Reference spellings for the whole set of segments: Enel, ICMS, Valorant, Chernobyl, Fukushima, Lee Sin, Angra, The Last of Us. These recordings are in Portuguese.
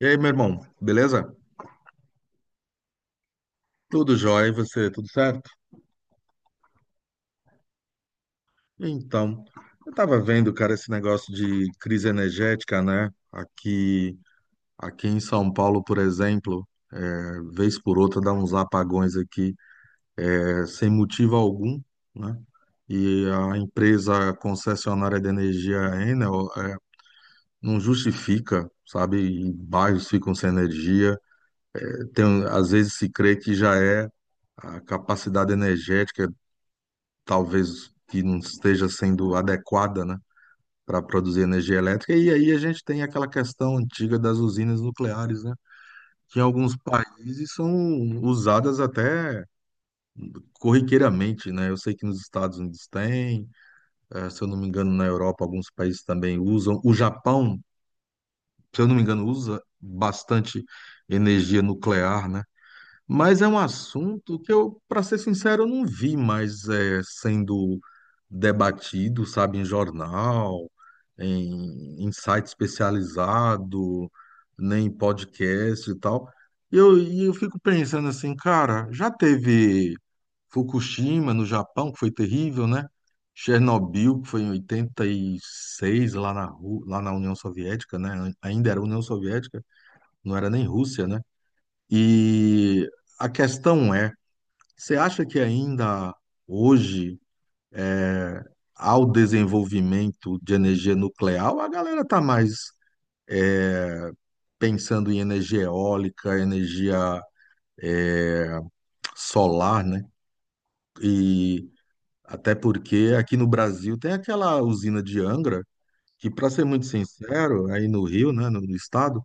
E aí, meu irmão, beleza? Tudo jóia, e você, tudo certo? Então, eu tava vendo, cara, esse negócio de crise energética, né? Aqui, em São Paulo, por exemplo, é, vez por outra dá uns apagões aqui, sem motivo algum, né? E a empresa concessionária de energia Enel não justifica, sabe? E bairros ficam sem energia. Tem, às vezes se crê que já é a capacidade energética talvez que não esteja sendo adequada, né, para produzir energia elétrica. E aí a gente tem aquela questão antiga das usinas nucleares, né, que em alguns países são usadas até corriqueiramente, né? Eu sei que nos Estados Unidos tem, se eu não me engano, na Europa alguns países também usam. O Japão, se eu não me engano, usa bastante energia nuclear, né? Mas é um assunto que eu, para ser sincero, eu não vi mais sendo debatido, sabe, em jornal, em site especializado, nem em podcast e tal. E eu fico pensando assim, cara, já teve Fukushima no Japão, que foi terrível, né? Chernobyl, que foi em 86 lá na, lá na União Soviética, né? Ainda era União Soviética, não era nem Rússia, né? E a questão é, você acha que ainda hoje ao desenvolvimento de energia nuclear, a galera está mais pensando em energia eólica, energia solar, né? E até porque aqui no Brasil tem aquela usina de Angra, que, para ser muito sincero, aí no Rio, né, no estado,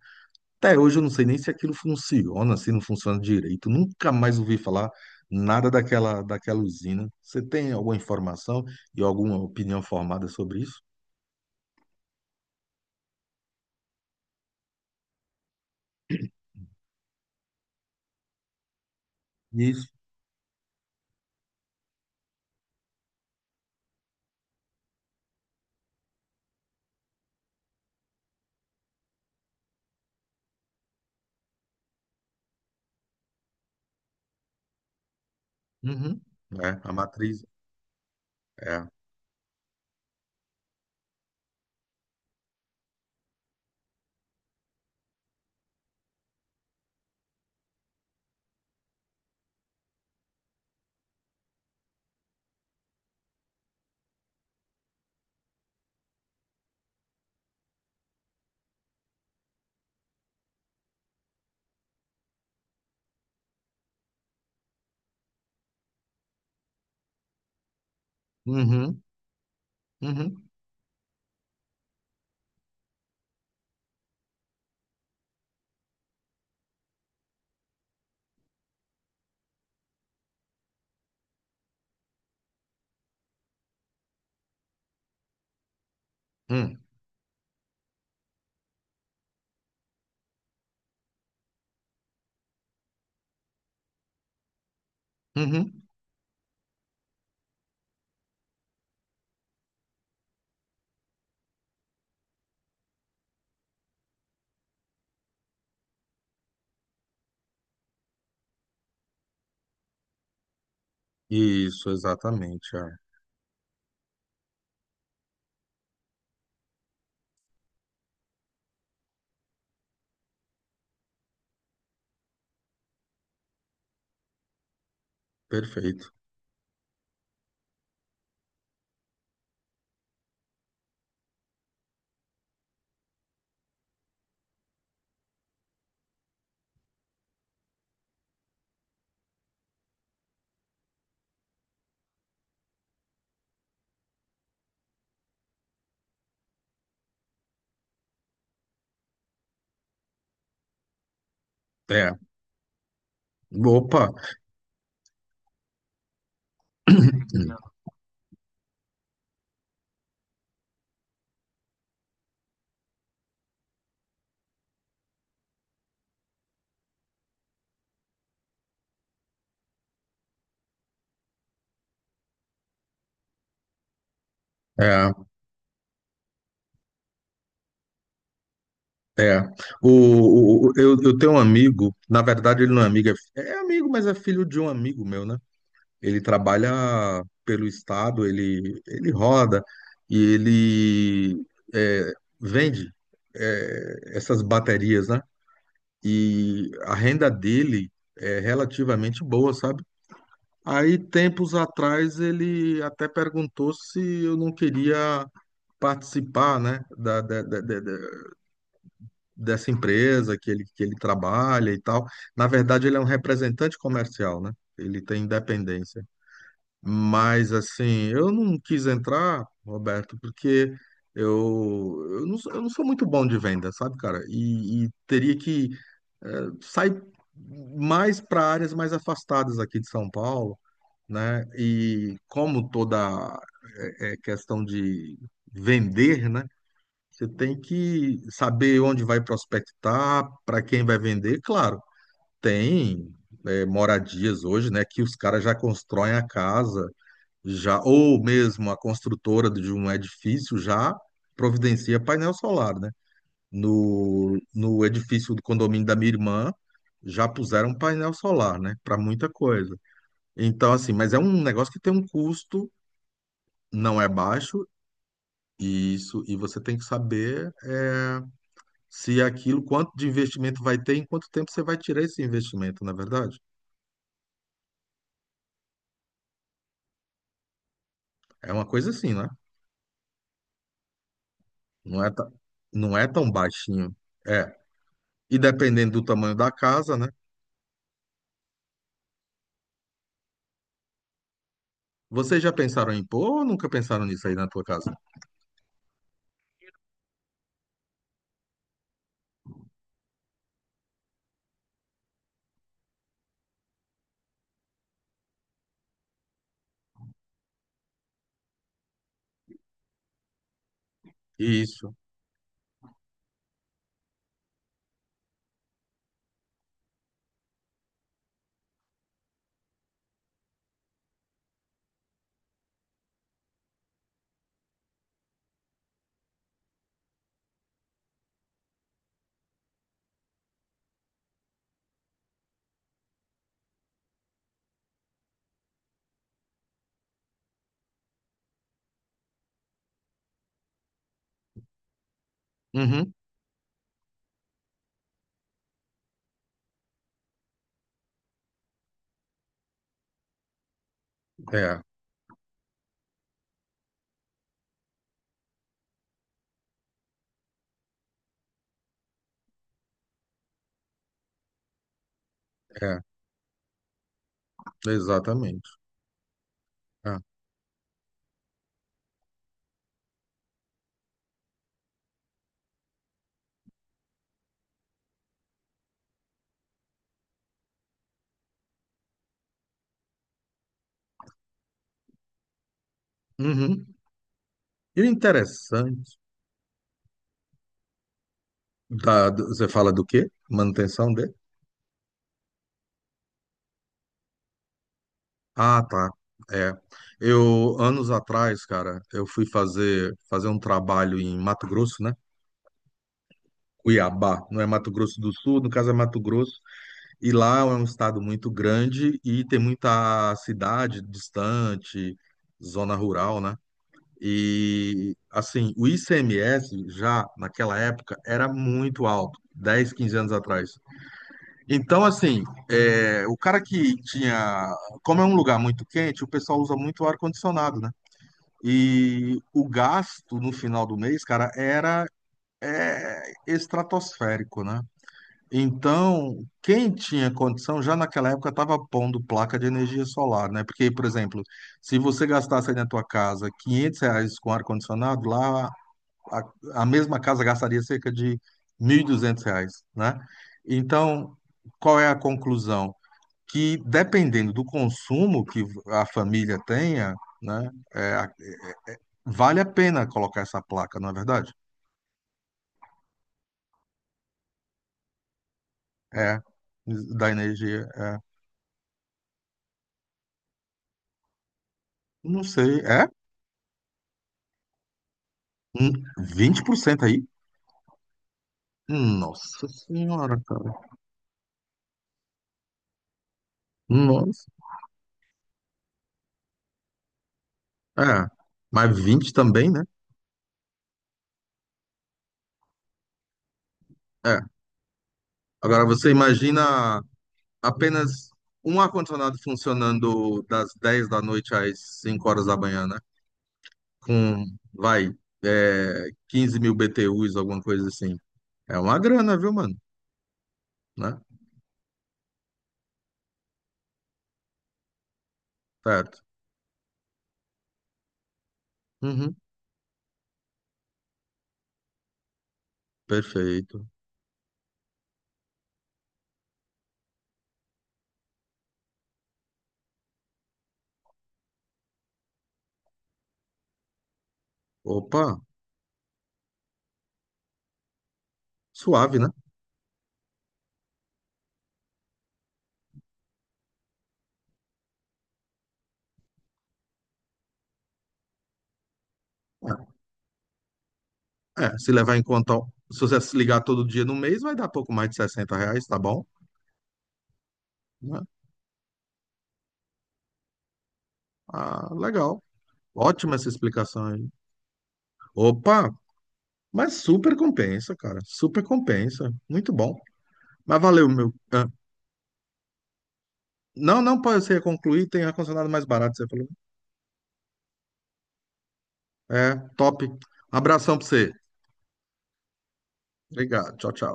até hoje eu não sei nem se aquilo funciona, se não funciona direito. Nunca mais ouvi falar nada daquela usina. Você tem alguma informação e alguma opinião formada sobre isso? Isso. Uhum. É, a matriz. É. Uhum. Uhum. Hum. Uhum. Isso, exatamente. É. Perfeito. É. Opa! É, é. Eu tenho um amigo, na verdade ele não é amigo, é amigo, mas é filho de um amigo meu, né? Ele trabalha pelo estado, ele roda e ele é, vende essas baterias, né? E a renda dele é relativamente boa, sabe? Aí, tempos atrás, ele até perguntou se eu não queria participar, né, dessa empresa que ele trabalha e tal. Na verdade, ele é um representante comercial, né? Ele tem independência. Mas assim, eu não quis entrar, Roberto, porque eu não sou muito bom de venda, sabe, cara? E teria que sair mais para áreas mais afastadas aqui de São Paulo, né? E como toda questão de vender, né? Você tem que saber onde vai prospectar, para quem vai vender. Claro, tem moradias hoje, né? Que os caras já constroem a casa já, ou mesmo a construtora de um edifício já providencia painel solar, né? No edifício do condomínio da minha irmã, já puseram painel solar, né? Para muita coisa. Então, assim, mas é um negócio que tem um custo, não é baixo, e isso, e você tem que saber se aquilo, quanto de investimento vai ter, em quanto tempo você vai tirar esse investimento, na verdade. É uma coisa assim, né? Não é, ta- não é tão baixinho. É. E dependendo do tamanho da casa, né? Vocês já pensaram em pôr ou nunca pensaram nisso aí na tua casa? Isso. Uhum. É, é, exatamente. É. Uhum. E o interessante, você fala do quê? Manutenção de? Ah, tá. É. Eu, anos atrás, cara, eu fui fazer um trabalho em Mato Grosso, né? Cuiabá, não é Mato Grosso do Sul, no caso é Mato Grosso, e lá é um estado muito grande e tem muita cidade distante, zona rural, né? E assim, o ICMS já naquela época era muito alto, 10 15 anos atrás. Então, assim, o cara que tinha. Como é um lugar muito quente, o pessoal usa muito ar-condicionado, né? E o gasto no final do mês, cara, era estratosférico, né? Então, quem tinha condição já naquela época estava pondo placa de energia solar, né? Porque, por exemplo, se você gastasse aí na tua casa R$ 500 com ar-condicionado, lá a, a mesma casa gastaria cerca de R$ 1.200, né? Então, qual é a conclusão? Que dependendo do consumo que a família tenha, né, vale a pena colocar essa placa, não é verdade? É, da energia, é. Não sei, é? Hum, 20% aí? Nossa senhora, cara. Nossa. É, mas 20 também, né? É. Agora você imagina apenas um ar-condicionado funcionando das 10 da noite às 5 horas da manhã, né? Com, vai, 15 mil BTUs, alguma coisa assim. É uma grana, viu, mano? Né? Certo. Uhum, perfeito. Opa, suave, né? É, é, se levar em conta, se você se ligar todo dia no mês, vai dar pouco mais de R$ 60, tá bom? Né? Ah, legal. Ótima essa explicação aí. Opa, mas super compensa, cara. Super compensa. Muito bom. Mas valeu, meu. Não, não, pode ser concluir, tem ar-condicionado mais barato, você falou. É, top. Abração pra você. Obrigado. Tchau, tchau.